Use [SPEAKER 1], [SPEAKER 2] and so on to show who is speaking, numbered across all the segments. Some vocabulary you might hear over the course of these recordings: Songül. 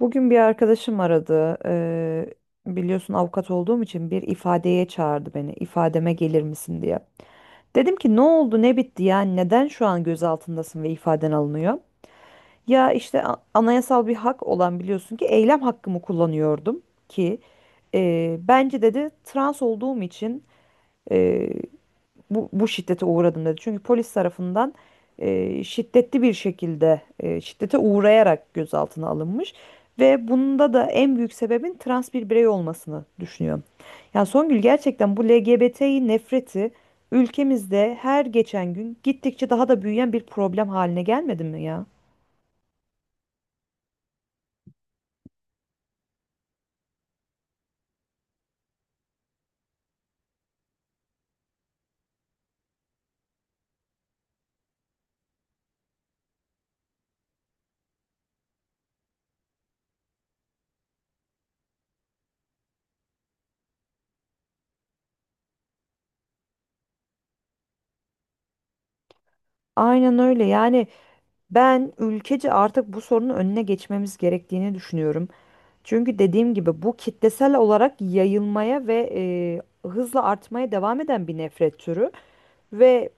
[SPEAKER 1] Bugün bir arkadaşım aradı. Biliyorsun avukat olduğum için bir ifadeye çağırdı beni. İfademe gelir misin diye. Dedim ki ne oldu, ne bitti yani neden şu an gözaltındasın ve ifaden alınıyor? Ya işte anayasal bir hak olan biliyorsun ki eylem hakkımı kullanıyordum ki bence dedi trans olduğum için bu şiddete uğradım dedi. Çünkü polis tarafından şiddetli bir şekilde şiddete uğrayarak gözaltına alınmış ve bunda da en büyük sebebin trans bir birey olmasını düşünüyorum. Yani Songül, gerçekten bu LGBT'yi nefreti ülkemizde her geçen gün gittikçe daha da büyüyen bir problem haline gelmedi mi ya? Aynen öyle. Yani ben ülkece artık bu sorunun önüne geçmemiz gerektiğini düşünüyorum. Çünkü dediğim gibi bu kitlesel olarak yayılmaya ve hızla artmaya devam eden bir nefret türü ve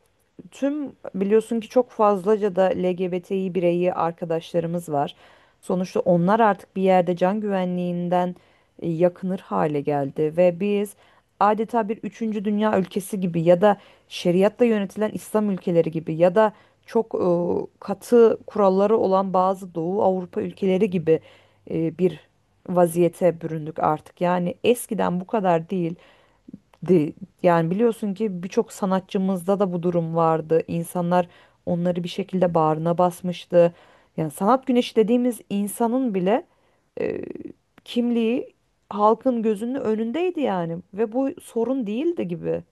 [SPEAKER 1] tüm biliyorsun ki çok fazlaca da LGBTİ bireyi arkadaşlarımız var. Sonuçta onlar artık bir yerde can güvenliğinden yakınır hale geldi ve biz adeta bir üçüncü dünya ülkesi gibi ya da şeriatla yönetilen İslam ülkeleri gibi ya da çok katı kuralları olan bazı Doğu Avrupa ülkeleri gibi bir vaziyete büründük artık. Yani eskiden bu kadar değil di- Yani biliyorsun ki birçok sanatçımızda da bu durum vardı. İnsanlar onları bir şekilde bağrına basmıştı. Yani sanat güneşi dediğimiz insanın bile e, kimliği halkın gözünün önündeydi yani ve bu sorun değildi gibi.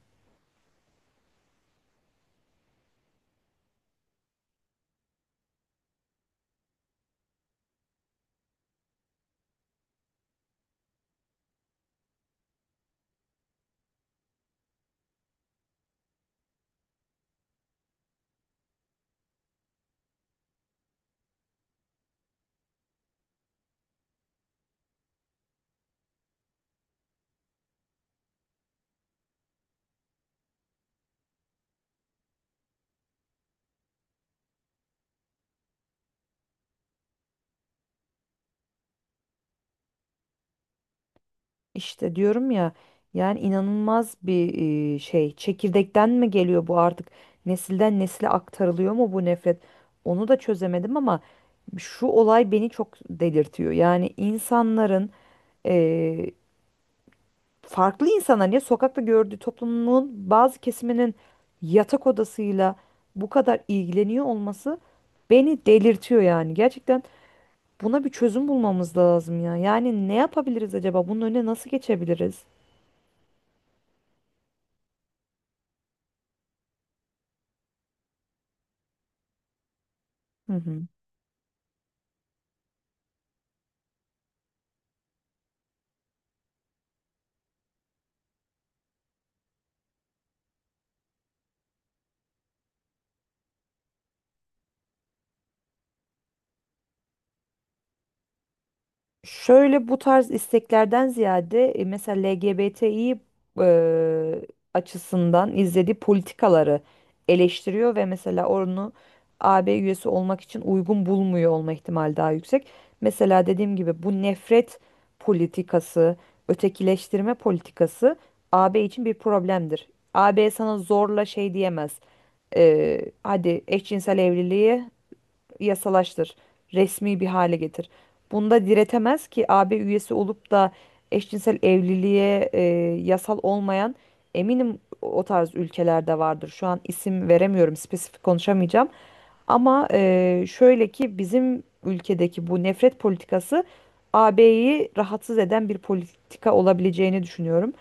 [SPEAKER 1] İşte diyorum ya, yani inanılmaz bir şey, çekirdekten mi geliyor bu, artık nesilden nesile aktarılıyor mu bu nefret, onu da çözemedim ama şu olay beni çok delirtiyor yani insanların e, farklı insanların, ya sokakta gördüğü toplumun bazı kesiminin yatak odasıyla bu kadar ilgileniyor olması beni delirtiyor yani. Gerçekten buna bir çözüm bulmamız lazım ya, yani ne yapabiliriz acaba, bunun önüne nasıl geçebiliriz? Hı hı. Şöyle, bu tarz isteklerden ziyade mesela LGBTİ e, açısından izlediği politikaları eleştiriyor ve mesela onu AB üyesi olmak için uygun bulmuyor olma ihtimali daha yüksek. Mesela dediğim gibi bu nefret politikası, ötekileştirme politikası AB için bir problemdir. AB sana zorla şey diyemez. Hadi eşcinsel evliliği yasalaştır, resmi bir hale getir. Bunda diretemez ki AB üyesi olup da eşcinsel evliliğe yasal olmayan, eminim o tarz ülkelerde vardır. Şu an isim veremiyorum, spesifik konuşamayacağım. Ama şöyle ki bizim ülkedeki bu nefret politikası AB'yi rahatsız eden bir politika olabileceğini düşünüyorum.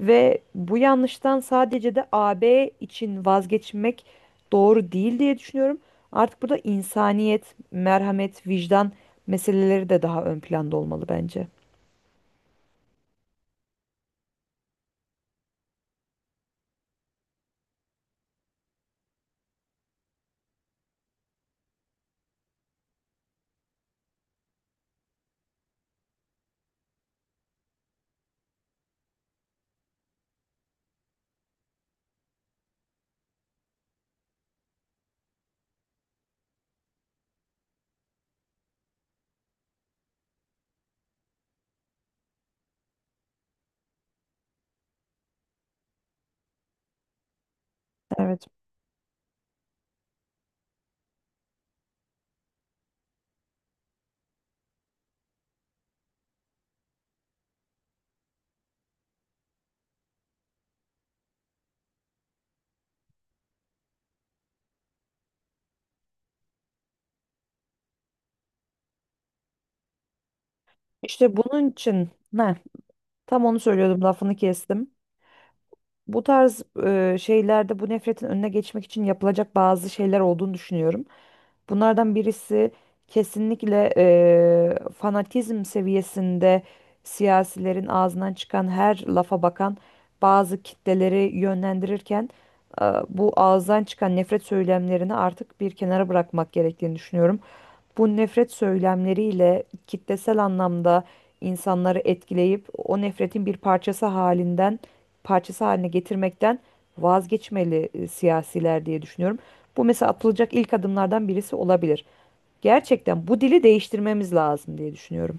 [SPEAKER 1] Ve bu yanlıştan sadece de AB için vazgeçmek doğru değil diye düşünüyorum. Artık burada insaniyet, merhamet, vicdan meseleleri de daha ön planda olmalı bence. Evet. İşte bunun için ne? Tam onu söylüyordum, lafını kestim. Bu tarz şeylerde bu nefretin önüne geçmek için yapılacak bazı şeyler olduğunu düşünüyorum. Bunlardan birisi kesinlikle fanatizm seviyesinde siyasilerin ağzından çıkan her lafa bakan bazı kitleleri yönlendirirken bu ağızdan çıkan nefret söylemlerini artık bir kenara bırakmak gerektiğini düşünüyorum. Bu nefret söylemleriyle kitlesel anlamda insanları etkileyip o nefretin bir parçası halinden parçası haline getirmekten vazgeçmeli siyasiler diye düşünüyorum. Bu mesela atılacak ilk adımlardan birisi olabilir. Gerçekten bu dili değiştirmemiz lazım diye düşünüyorum.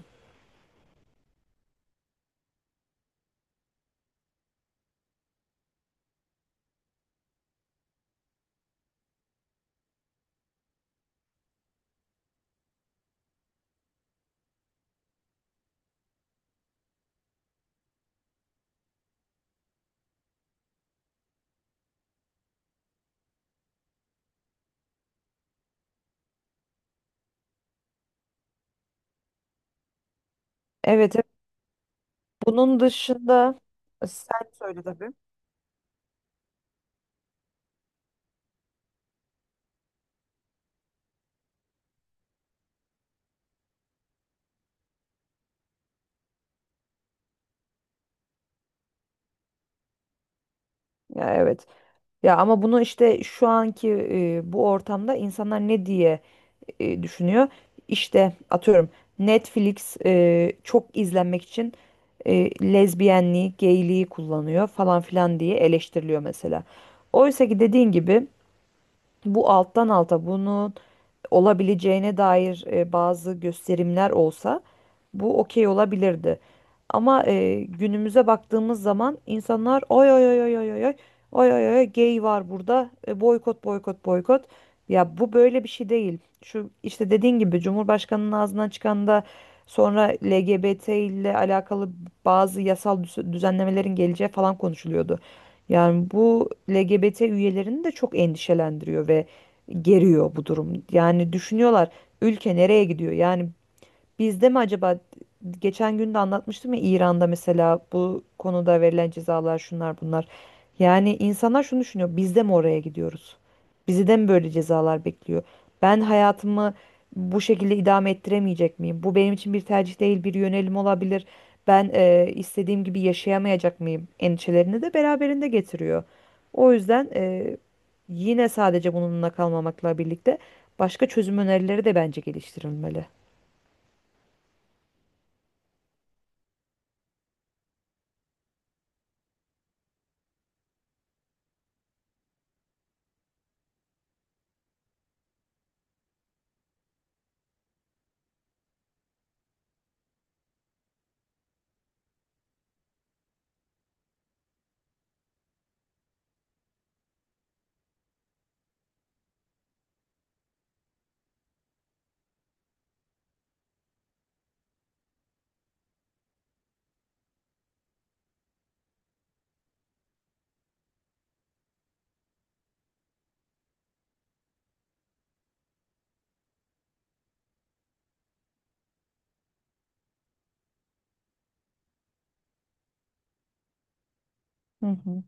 [SPEAKER 1] Evet, evet. Bunun dışında, sen söyle tabii. Ya evet. Ya ama bunu işte şu anki bu ortamda insanlar ne diye düşünüyor? İşte atıyorum, Netflix çok izlenmek için e, lezbiyenliği, geyliği kullanıyor falan filan diye eleştiriliyor mesela. Oysa ki dediğin gibi bu alttan alta bunu olabileceğine dair bazı gösterimler olsa, bu okey olabilirdi. Ama günümüze baktığımız zaman insanlar, oy oy oy oy oy oy oy oy oy oy, gay var burada, boykot boykot boykot. Ya bu böyle bir şey değil. Şu işte dediğin gibi Cumhurbaşkanının ağzından çıkan da, sonra LGBT ile alakalı bazı yasal düzenlemelerin geleceği falan konuşuluyordu. Yani bu LGBT üyelerini de çok endişelendiriyor ve geriyor bu durum. Yani düşünüyorlar, ülke nereye gidiyor? Yani bizde mi acaba, geçen gün de anlatmıştım ya, İran'da mesela bu konuda verilen cezalar şunlar bunlar. Yani insanlar şunu düşünüyor, biz de mi oraya gidiyoruz? Bizi de mi böyle cezalar bekliyor? Ben hayatımı bu şekilde idame ettiremeyecek miyim? Bu benim için bir tercih değil, bir yönelim olabilir. Ben istediğim gibi yaşayamayacak mıyım? Endişelerini de beraberinde getiriyor. O yüzden yine sadece bununla kalmamakla birlikte başka çözüm önerileri de bence geliştirilmeli. Hı hı.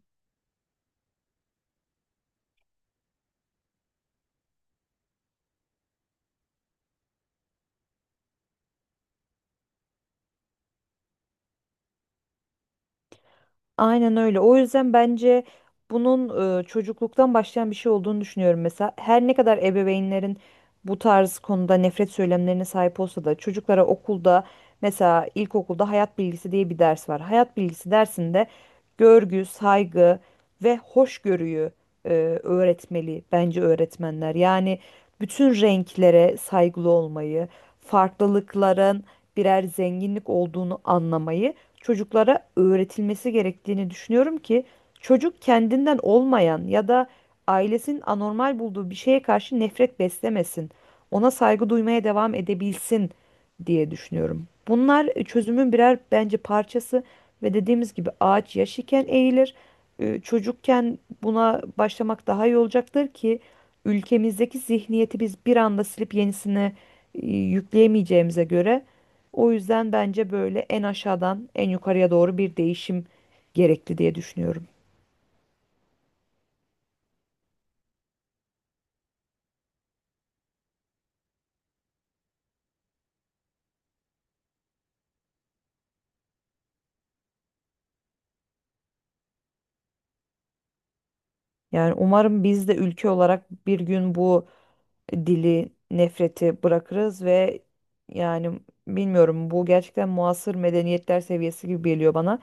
[SPEAKER 1] Aynen öyle. O yüzden bence bunun çocukluktan başlayan bir şey olduğunu düşünüyorum. Mesela her ne kadar ebeveynlerin bu tarz konuda nefret söylemlerine sahip olsa da, çocuklara okulda, mesela ilkokulda hayat bilgisi diye bir ders var. Hayat bilgisi dersinde görgü, saygı ve hoşgörüyü e, öğretmeli bence öğretmenler. Yani bütün renklere saygılı olmayı, farklılıkların birer zenginlik olduğunu anlamayı çocuklara öğretilmesi gerektiğini düşünüyorum ki çocuk kendinden olmayan ya da ailesinin anormal bulduğu bir şeye karşı nefret beslemesin. Ona saygı duymaya devam edebilsin diye düşünüyorum. Bunlar çözümün birer bence parçası, ve dediğimiz gibi ağaç yaş iken eğilir. Çocukken buna başlamak daha iyi olacaktır ki ülkemizdeki zihniyeti biz bir anda silip yenisini yükleyemeyeceğimize göre, o yüzden bence böyle en aşağıdan en yukarıya doğru bir değişim gerekli diye düşünüyorum. Yani umarım biz de ülke olarak bir gün bu dili, nefreti bırakırız ve, yani bilmiyorum, bu gerçekten muasır medeniyetler seviyesi gibi geliyor bana.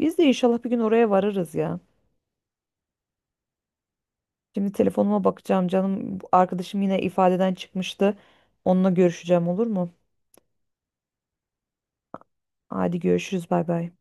[SPEAKER 1] Biz de inşallah bir gün oraya varırız ya. Şimdi telefonuma bakacağım canım. Bu arkadaşım yine ifadeden çıkmıştı. Onunla görüşeceğim, olur mu? Hadi görüşürüz, bay bay.